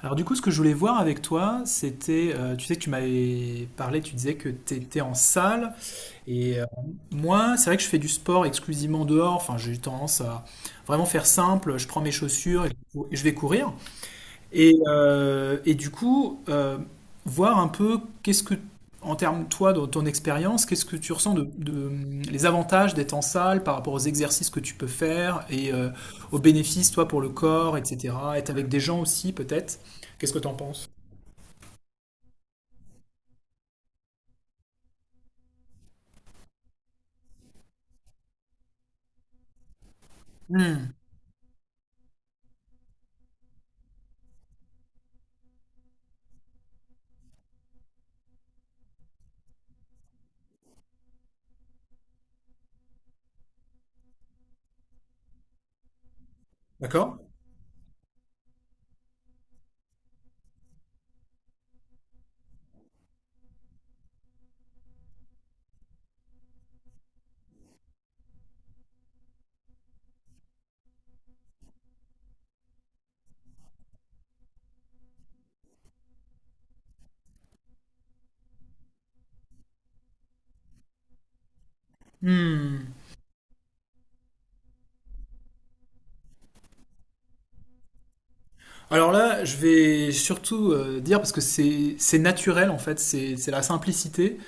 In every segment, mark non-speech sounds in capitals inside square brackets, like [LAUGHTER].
Alors du coup, ce que je voulais voir avec toi, c'était, tu sais que tu m'avais parlé, tu disais que tu étais en salle, et moi, c'est vrai que je fais du sport exclusivement dehors, enfin j'ai eu tendance à vraiment faire simple, je prends mes chaussures et je vais courir. Et du coup, voir un peu qu'est-ce que, en termes, toi, dans ton expérience, qu'est-ce que tu ressens de, les avantages d'être en salle par rapport aux exercices que tu peux faire et aux bénéfices, toi, pour le corps, etc. Être avec des gens aussi, peut-être. Qu'est-ce que tu en penses? Hmm. D'accord? Hmm. Alors là, je vais surtout dire, parce que c'est naturel, en fait, c'est la simplicité.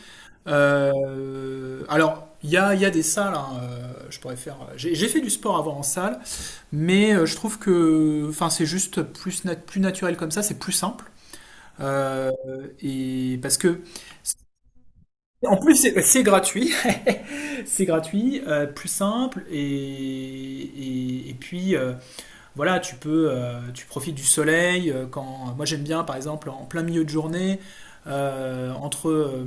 Alors, il y a des salles, hein, je pourrais faire. J'ai fait du sport avant en salle, mais je trouve que enfin, c'est juste plus, plus naturel comme ça, c'est plus simple. Euh, et parce que, en plus, c'est gratuit, [LAUGHS] c'est gratuit, plus simple, et puis, voilà, tu peux, tu profites du soleil. Quand moi j'aime bien, par exemple, en plein milieu de journée, entre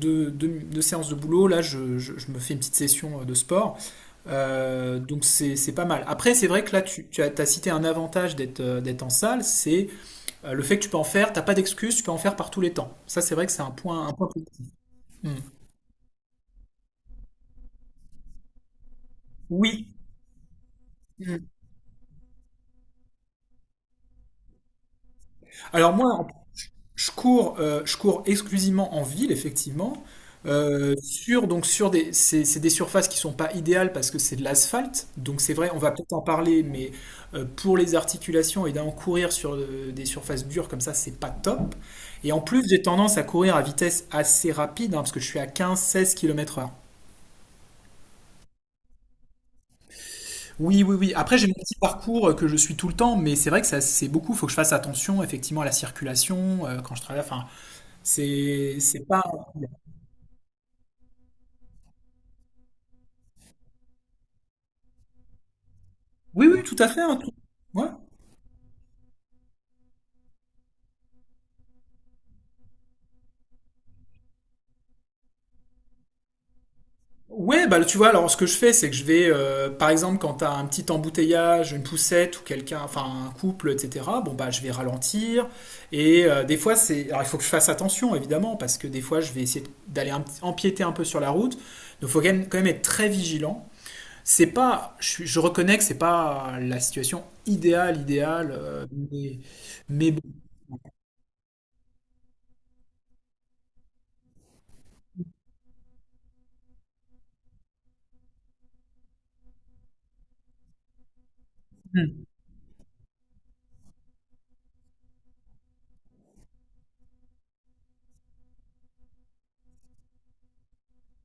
deux séances de boulot, là, je me fais une petite session de sport. Donc c'est pas mal. Après, c'est vrai que là, t'as cité un avantage d'être d'être en salle, c'est le fait que tu peux en faire. T'as pas d'excuse, tu peux en faire par tous les temps. Ça, c'est vrai que c'est un point positif. Mm. Oui. Hmm. Alors moi, je cours, je cours exclusivement en ville, effectivement, sur, donc sur des, c'est des surfaces qui sont pas idéales parce que c'est de l'asphalte. Donc c'est vrai, on va peut-être en parler, mais pour les articulations, évidemment, courir sur des surfaces dures comme ça, c'est pas top. Et en plus, j'ai tendance à courir à vitesse assez rapide, hein, parce que je suis à 15-16 km/h. Oui, oui, oui. Après, j'ai mon petit parcours que je suis tout le temps, mais c'est vrai que ça, c'est beaucoup. Il faut que je fasse attention, effectivement, à la circulation quand je travaille. Enfin, C'est pas. Oui, oui, tout à fait. Ouais. Ouais, bah tu vois, alors ce que je fais, c'est que je vais, par exemple, quand t'as un petit embouteillage, une poussette ou quelqu'un, enfin un couple, etc. Bon bah je vais ralentir. Et des fois c'est, alors il faut que je fasse attention évidemment parce que des fois je vais essayer d'aller empiéter un peu sur la route. Donc faut quand même être très vigilant. C'est pas, je reconnais que c'est pas la situation idéale, idéale, mais bon. Hmm.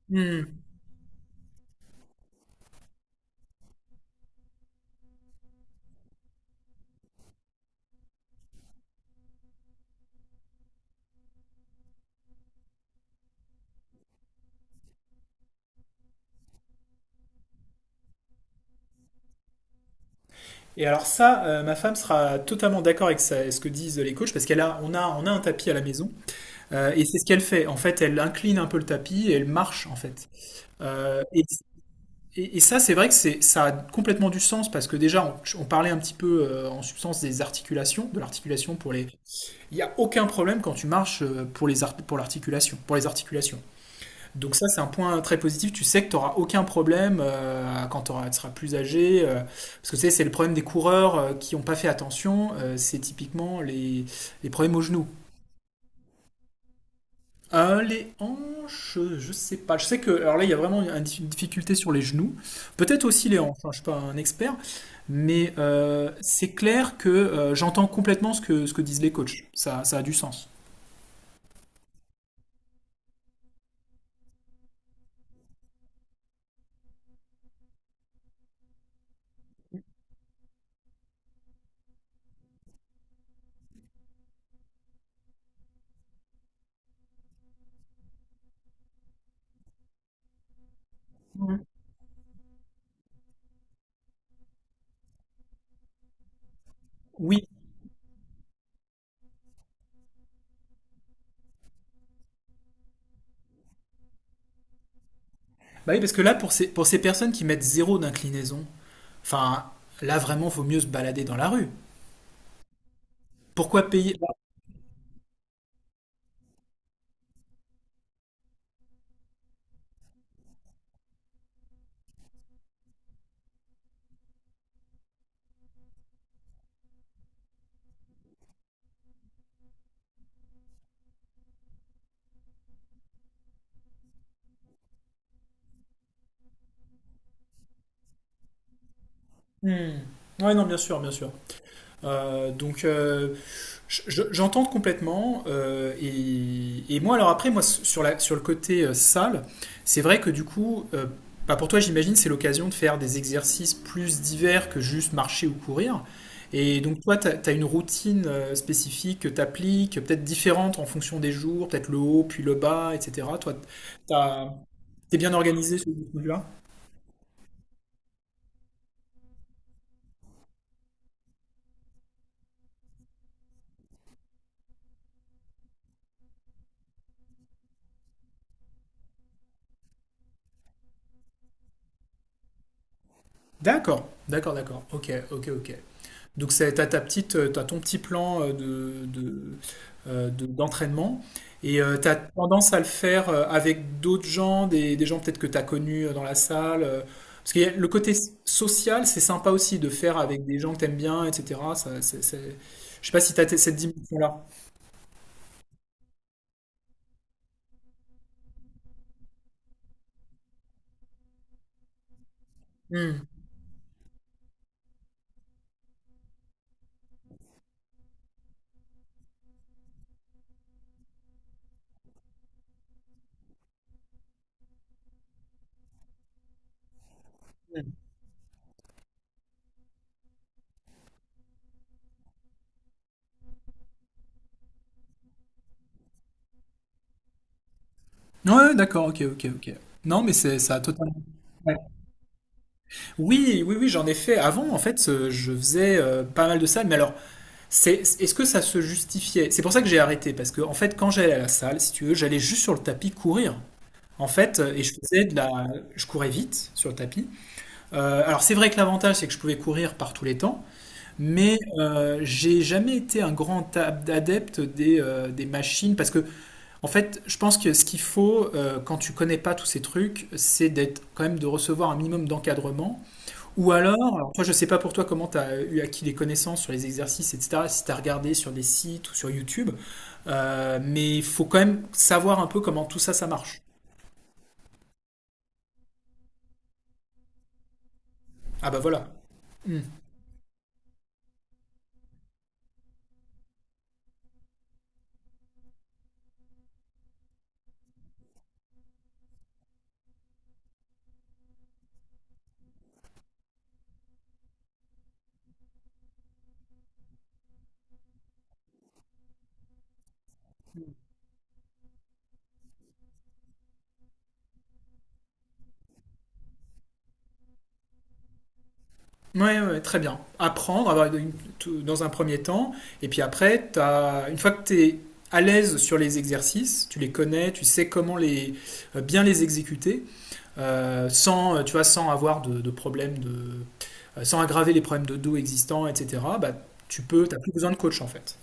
Hmm. Et alors ça, ma femme sera totalement d'accord avec ce que disent les coachs, parce qu'elle a, on a, on a un tapis à la maison, et c'est ce qu'elle fait. En fait, elle incline un peu le tapis et elle marche en fait. Euh, et, et ça, c'est vrai que ça a complètement du sens parce que déjà, on parlait un petit peu en substance des articulations, de l'articulation pour les. Il n'y a aucun problème quand tu marches pour l'articulation, pour les articulations. Donc ça, c'est un point très positif. Tu sais que tu n'auras aucun problème quand tu seras plus âgé. Parce que tu sais, c'est le problème des coureurs qui n'ont pas fait attention. C'est typiquement les problèmes aux genoux. Les hanches, je sais pas. Je sais que. Alors là, il y a vraiment une une difficulté sur les genoux. Peut-être aussi les hanches, hein, je suis pas un expert. Mais c'est clair que j'entends complètement ce que disent les coachs. Ça a du sens. Oui. Bah oui, parce que là, pour ces personnes qui mettent zéro d'inclinaison, enfin, là vraiment, il faut mieux se balader dans la rue. Pourquoi payer? Hmm. Ouais, non, bien sûr, bien sûr. Donc, j'entends complètement. Et moi, alors après, moi, sur le côté salle, c'est vrai que du coup, bah, pour toi, j'imagine, c'est l'occasion de faire des exercices plus divers que juste marcher ou courir. Et donc, toi, tu as, une routine spécifique que tu appliques, peut-être différente en fonction des jours, peut-être le haut, puis le bas, etc. Toi, t'as- t'es bien organisé sur ce point là. D'accord, d'accord, d'accord. Ok, ok, ok. Donc c'est t'as ton petit plan d'entraînement et t'as tendance à le faire avec d'autres gens, des gens peut-être que t'as connus dans la salle. Parce que le côté social, c'est sympa aussi de faire avec des gens que t'aimes bien, etc. Ça, je sais pas si t'as cette dimension-là. Hmm. Ouais, ouais, d'accord, ok, ok, ok. Non, mais c'est ça a totalement. Ouais. Oui, oui, oui, j'en ai fait. Avant, en fait, je faisais pas mal de salles, mais alors. Est-ce que ça se justifiait. C'est pour ça que j'ai arrêté, parce que en fait, quand j'allais à la salle, si tu veux, j'allais juste sur le tapis courir. En fait, et je faisais de la, je courais vite sur le tapis. Alors c'est vrai que l'avantage, c'est que je pouvais courir par tous les temps, mais j'ai jamais été un grand adepte des machines, parce que en fait, je pense que ce qu'il faut quand tu connais pas tous ces trucs, c'est d'être quand même de recevoir un minimum d'encadrement. Ou alors, toi, je sais pas pour toi comment tu as eu acquis des connaissances sur les exercices, etc., si tu as regardé sur des sites ou sur YouTube, mais il faut quand même savoir un peu comment tout ça, ça marche. Ah bah voilà. Hmm. Ouais, ouais, très bien. Apprendre avoir dans un premier temps, et puis après, une fois que tu es à l'aise sur les exercices, tu les connais, tu sais comment bien les exécuter, sans, tu vois, sans avoir de problème de, sans aggraver les problèmes de dos existants, etc. Bah, t'as plus besoin de coach en fait.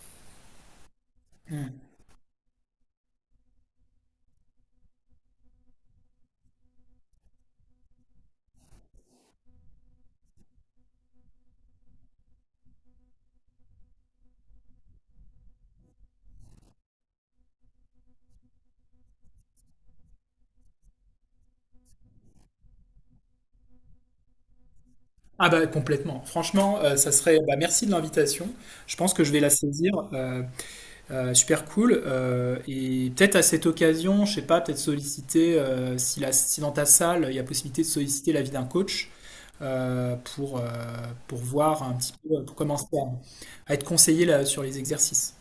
Mm. Ah bah complètement. Franchement, ça serait. Bah, merci de l'invitation. Je pense que je vais la saisir. Super cool. Et peut-être à cette occasion, je sais pas, peut-être solliciter si dans ta salle il y a possibilité de solliciter l'avis d'un coach euh, pour, euh, pour voir un petit peu, pour commencer à être conseillé là, sur les exercices.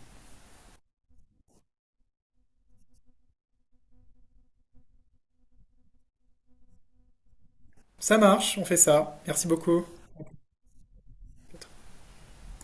Ça marche, on fait ça. Merci beaucoup.